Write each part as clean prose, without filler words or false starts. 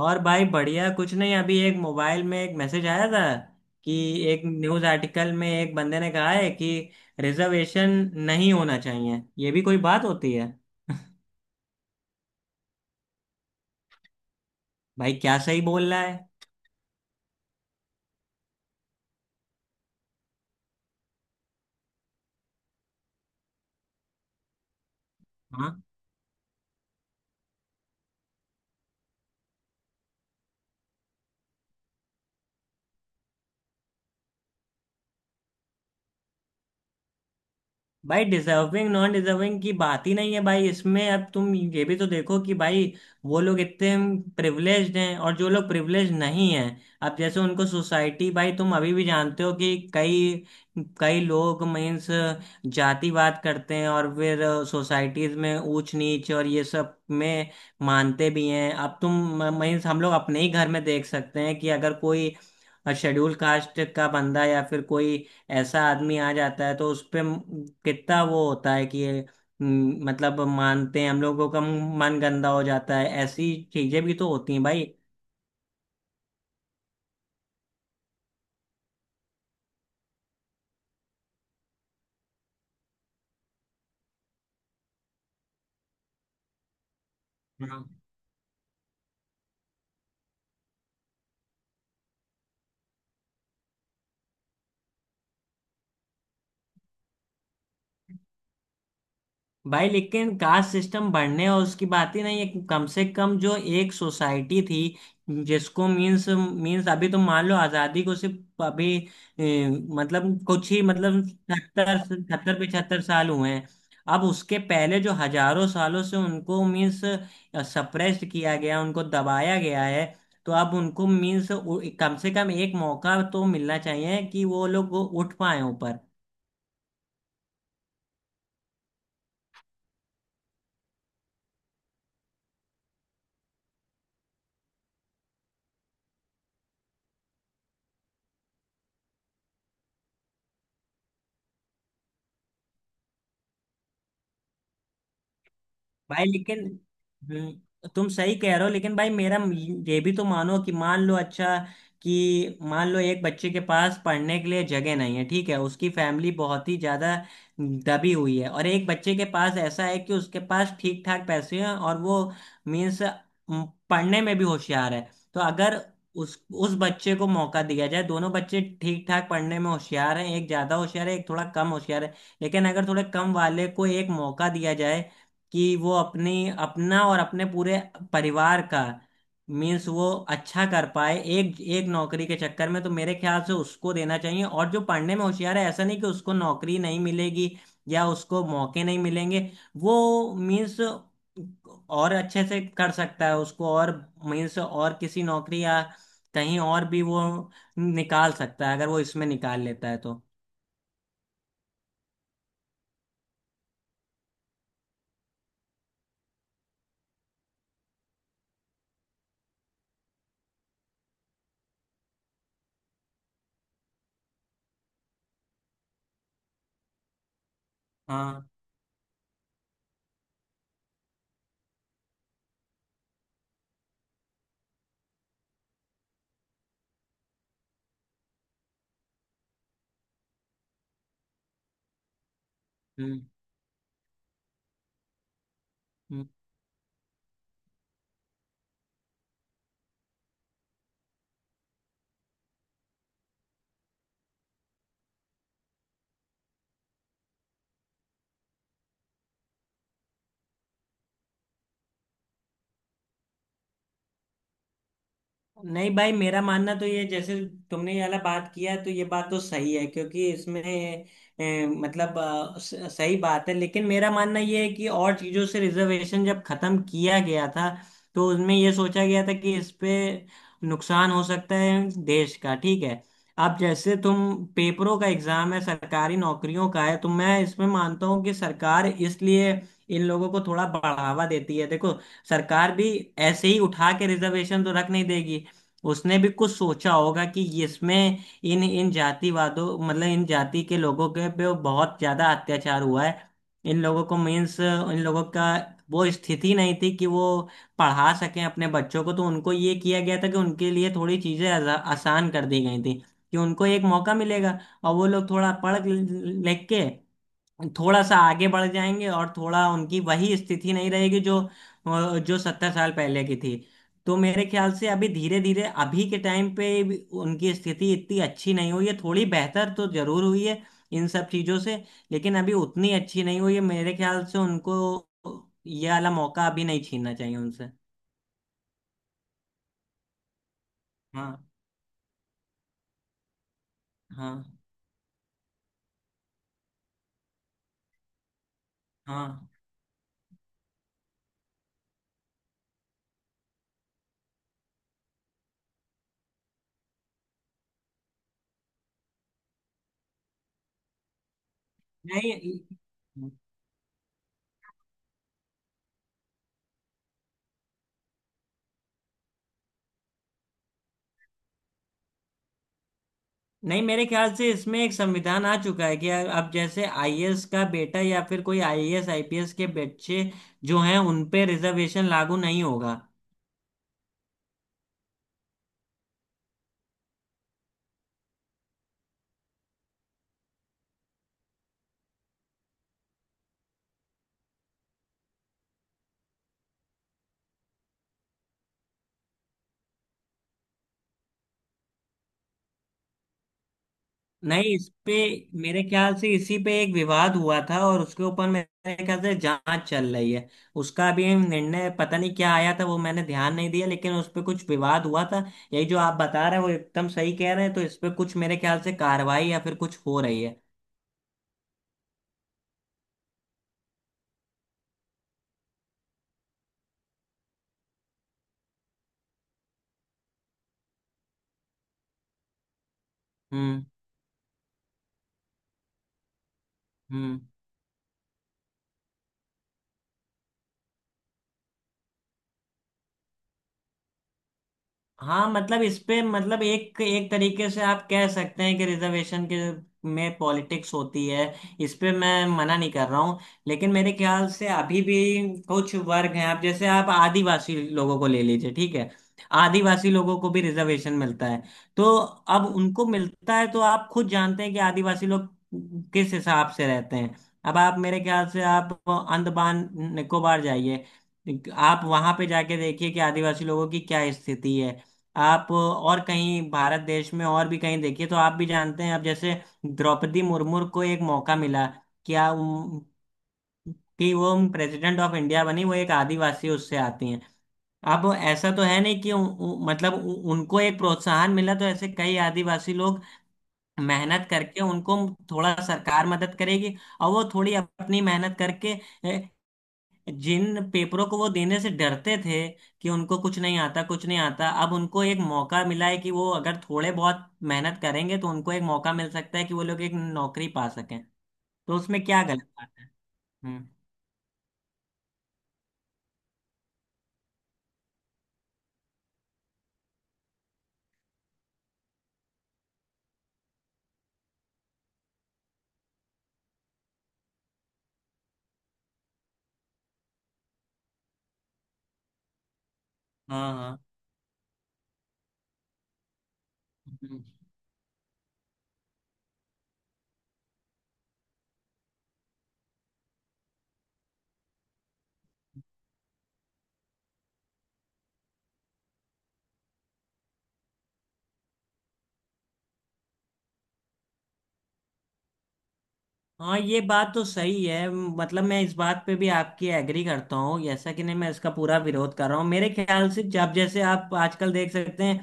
और भाई बढ़िया कुछ नहीं। अभी एक मोबाइल में एक मैसेज आया था कि एक न्यूज़ आर्टिकल में एक बंदे ने कहा है कि रिजर्वेशन नहीं होना चाहिए, ये भी कोई बात होती है। भाई क्या सही बोल रहा है? हाँ? भाई डिजर्विंग नॉन डिजर्विंग की बात ही नहीं है भाई इसमें। अब तुम ये भी तो देखो कि भाई वो लोग इतने प्रिविलेज्ड हैं और जो लोग प्रिविलेज्ड नहीं हैं, अब जैसे उनको सोसाइटी, भाई तुम अभी भी जानते हो कि कई कई लोग मीन्स जातिवाद करते हैं और फिर सोसाइटीज में ऊंच नीच और ये सब में मानते भी हैं। अब तुम मीन्स हम लोग अपने ही घर में देख सकते हैं कि अगर कोई और शेड्यूल कास्ट का बंदा या फिर कोई ऐसा आदमी आ जाता है तो उस पे कितना वो होता है कि ये म, मतलब मानते हैं, हम लोगों का मन गंदा हो जाता है। ऐसी चीजें भी तो होती हैं भाई। भाई लेकिन कास्ट सिस्टम बढ़ने और उसकी बात ही नहीं है। कम से कम जो एक सोसाइटी थी जिसको मींस मींस अभी तो मान लो आजादी को सिर्फ अभी ए, मतलब कुछ ही सत्तर सत्तर पिछहत्तर साल हुए हैं। अब उसके पहले जो हजारों सालों से उनको मींस सप्रेस्ड किया गया, उनको दबाया गया है। तो अब उनको मींस कम से कम एक मौका तो मिलना चाहिए कि वो लोग उठ पाए ऊपर। भाई लेकिन तुम सही कह रहे हो, लेकिन भाई मेरा ये भी तो मानो कि मान लो, अच्छा, कि मान लो एक बच्चे के पास पढ़ने के लिए जगह नहीं है, ठीक है, उसकी फैमिली बहुत ही ज्यादा दबी हुई है, और एक बच्चे के पास ऐसा है कि उसके पास ठीक ठाक पैसे हैं और वो मीन्स पढ़ने में भी होशियार है। तो अगर उस उस बच्चे को मौका दिया जाए, दोनों बच्चे ठीक ठाक पढ़ने में होशियार हैं, एक ज्यादा होशियार है, एक थोड़ा कम होशियार है, लेकिन अगर थोड़े कम वाले को एक मौका दिया जाए कि वो अपनी अपना और अपने पूरे परिवार का मीन्स वो अच्छा कर पाए एक एक नौकरी के चक्कर में, तो मेरे ख्याल से उसको देना चाहिए। और जो पढ़ने में होशियार है, ऐसा नहीं कि उसको नौकरी नहीं मिलेगी या उसको मौके नहीं मिलेंगे। वो मीन्स और अच्छे से कर सकता है, उसको और मीन्स और किसी नौकरी या कहीं और भी वो निकाल सकता है। अगर वो इसमें निकाल लेता है तो हाँ। हम्म। हम्म। नहीं भाई मेरा मानना तो ये, जैसे तुमने ये वाला बात किया तो ये बात तो सही है, क्योंकि इसमें ए, मतलब अ, स- सही बात है। लेकिन मेरा मानना ये है कि और चीज़ों से रिजर्वेशन जब खत्म किया गया था तो उसमें ये सोचा गया था कि इस पे नुकसान हो सकता है देश का, ठीक है। अब जैसे तुम पेपरों का एग्जाम है, सरकारी नौकरियों का है, तो मैं इसमें मानता हूँ कि सरकार इसलिए इन लोगों को थोड़ा बढ़ावा देती है। देखो सरकार भी ऐसे ही उठा के रिजर्वेशन तो रख नहीं देगी। उसने भी कुछ सोचा होगा कि इसमें इन इन जातिवादों मतलब इन जाति के लोगों के पे बहुत ज्यादा अत्याचार हुआ है। इन लोगों को मीन्स इन लोगों का वो स्थिति नहीं थी कि वो पढ़ा सकें अपने बच्चों को। तो उनको ये किया गया था कि उनके लिए थोड़ी चीजें आसान कर दी गई थी कि उनको एक मौका मिलेगा और वो लोग थोड़ा पढ़ लिख के थोड़ा सा आगे बढ़ जाएंगे और थोड़ा उनकी वही स्थिति नहीं रहेगी जो जो सत्तर साल पहले की थी। तो मेरे ख्याल से अभी धीरे धीरे अभी के टाइम पे भी उनकी स्थिति इतनी अच्छी नहीं हुई है, थोड़ी बेहतर तो जरूर हुई है इन सब चीजों से, लेकिन अभी उतनी अच्छी नहीं हुई है। मेरे ख्याल से उनको ये वाला मौका अभी नहीं छीनना चाहिए उनसे। हाँ। हाँ। हाँ। नहीं नहीं मेरे ख्याल से इसमें एक संविधान आ चुका है कि अब जैसे आईएएस का बेटा या फिर कोई आईएएस आईपीएस के बच्चे जो हैं उन पे रिजर्वेशन लागू नहीं होगा। नहीं, इस पे मेरे ख्याल से इसी पे एक विवाद हुआ था और उसके ऊपर मेरे ख्याल से जांच चल रही है। उसका अभी निर्णय पता नहीं क्या आया था, वो मैंने ध्यान नहीं दिया, लेकिन उस पे कुछ विवाद हुआ था। यही जो आप बता रहे हैं वो एकदम सही कह रहे हैं, तो इस पे कुछ मेरे ख्याल से कार्रवाई या फिर कुछ हो रही है। हम्म। हम्म। हाँ मतलब इस पे मतलब एक एक तरीके से आप कह सकते हैं कि रिजर्वेशन के में पॉलिटिक्स होती है, इस पे मैं मना नहीं कर रहा हूँ। लेकिन मेरे ख्याल से अभी भी कुछ वर्ग हैं। आप जैसे आप आदिवासी लोगों को ले लीजिए, ठीक है। आदिवासी लोगों को भी रिजर्वेशन मिलता है। तो अब उनको मिलता है तो आप खुद जानते हैं कि आदिवासी लोग किस हिसाब से रहते हैं। अब आप मेरे ख्याल से आप अंडमान निकोबार जाइए, आप वहां पे जाके देखिए कि आदिवासी लोगों की क्या स्थिति है। आप और कहीं भारत देश में और भी कहीं देखिए तो आप भी जानते हैं। अब जैसे द्रौपदी मुर्मू को एक मौका मिला क्या उम, कि वो प्रेसिडेंट ऑफ इंडिया बनी, वो एक आदिवासी उससे आती हैं। अब ऐसा तो है नहीं कि उ, उ, मतलब उ, उनको एक प्रोत्साहन मिला तो ऐसे कई आदिवासी लोग मेहनत करके, उनको थोड़ा सरकार मदद करेगी और वो थोड़ी अपनी मेहनत करके जिन पेपरों को वो देने से डरते थे कि उनको कुछ नहीं आता कुछ नहीं आता, अब उनको एक मौका मिला है कि वो अगर थोड़े बहुत मेहनत करेंगे तो उनको एक मौका मिल सकता है कि वो लोग एक नौकरी पा सकें। तो उसमें क्या गलत बात है। हम्म। हाँ। हाँ। हाँ ये बात तो सही है, मतलब मैं इस बात पे भी आपकी एग्री करता हूँ, जैसा कि नहीं मैं इसका पूरा विरोध कर रहा हूँ। मेरे ख्याल से जब जैसे आप आजकल देख सकते हैं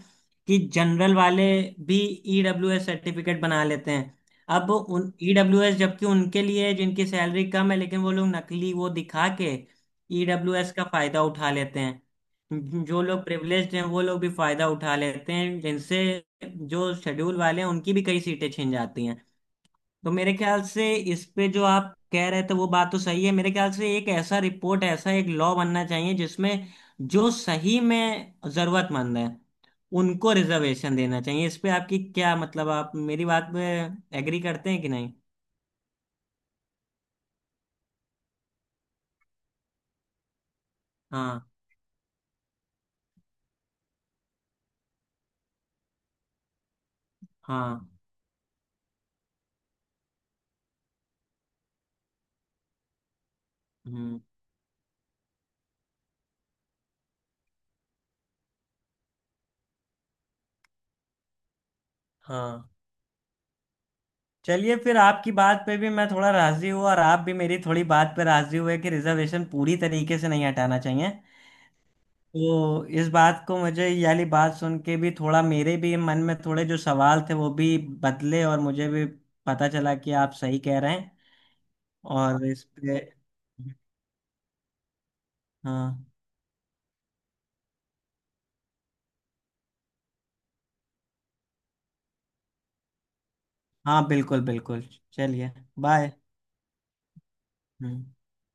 कि जनरल वाले भी ईडब्ल्यूएस सर्टिफिकेट बना लेते हैं। अब उन ईडब्ल्यूएस जबकि उनके लिए जिनकी सैलरी कम है, लेकिन वो लोग नकली वो दिखा के ईडब्ल्यूएस का फायदा उठा लेते हैं। जो लोग प्रिविलेज्ड हैं वो लोग भी फायदा उठा लेते हैं, जिनसे जो शेड्यूल वाले हैं उनकी भी कई सीटें छिन जाती हैं। तो मेरे ख्याल से इस पे जो आप कह रहे थे वो बात तो सही है। मेरे ख्याल से एक ऐसा रिपोर्ट, ऐसा एक लॉ बनना चाहिए जिसमें जो सही में जरूरतमंद है उनको रिजर्वेशन देना चाहिए। इस पे आपकी क्या मतलब, आप मेरी बात पे एग्री करते हैं कि नहीं? हाँ। हाँ। हम्म। हाँ चलिए, फिर आपकी बात पे भी मैं थोड़ा राजी हुआ और आप भी मेरी थोड़ी बात पे राजी हुए कि रिजर्वेशन पूरी तरीके से नहीं हटाना चाहिए। तो इस बात को मुझे ये वाली बात सुन के भी थोड़ा मेरे भी मन में थोड़े जो सवाल थे वो भी बदले और मुझे भी पता चला कि आप सही कह रहे हैं। और इस पे हाँ। हाँ बिल्कुल बिल्कुल। चलिए। बाय। हम्म।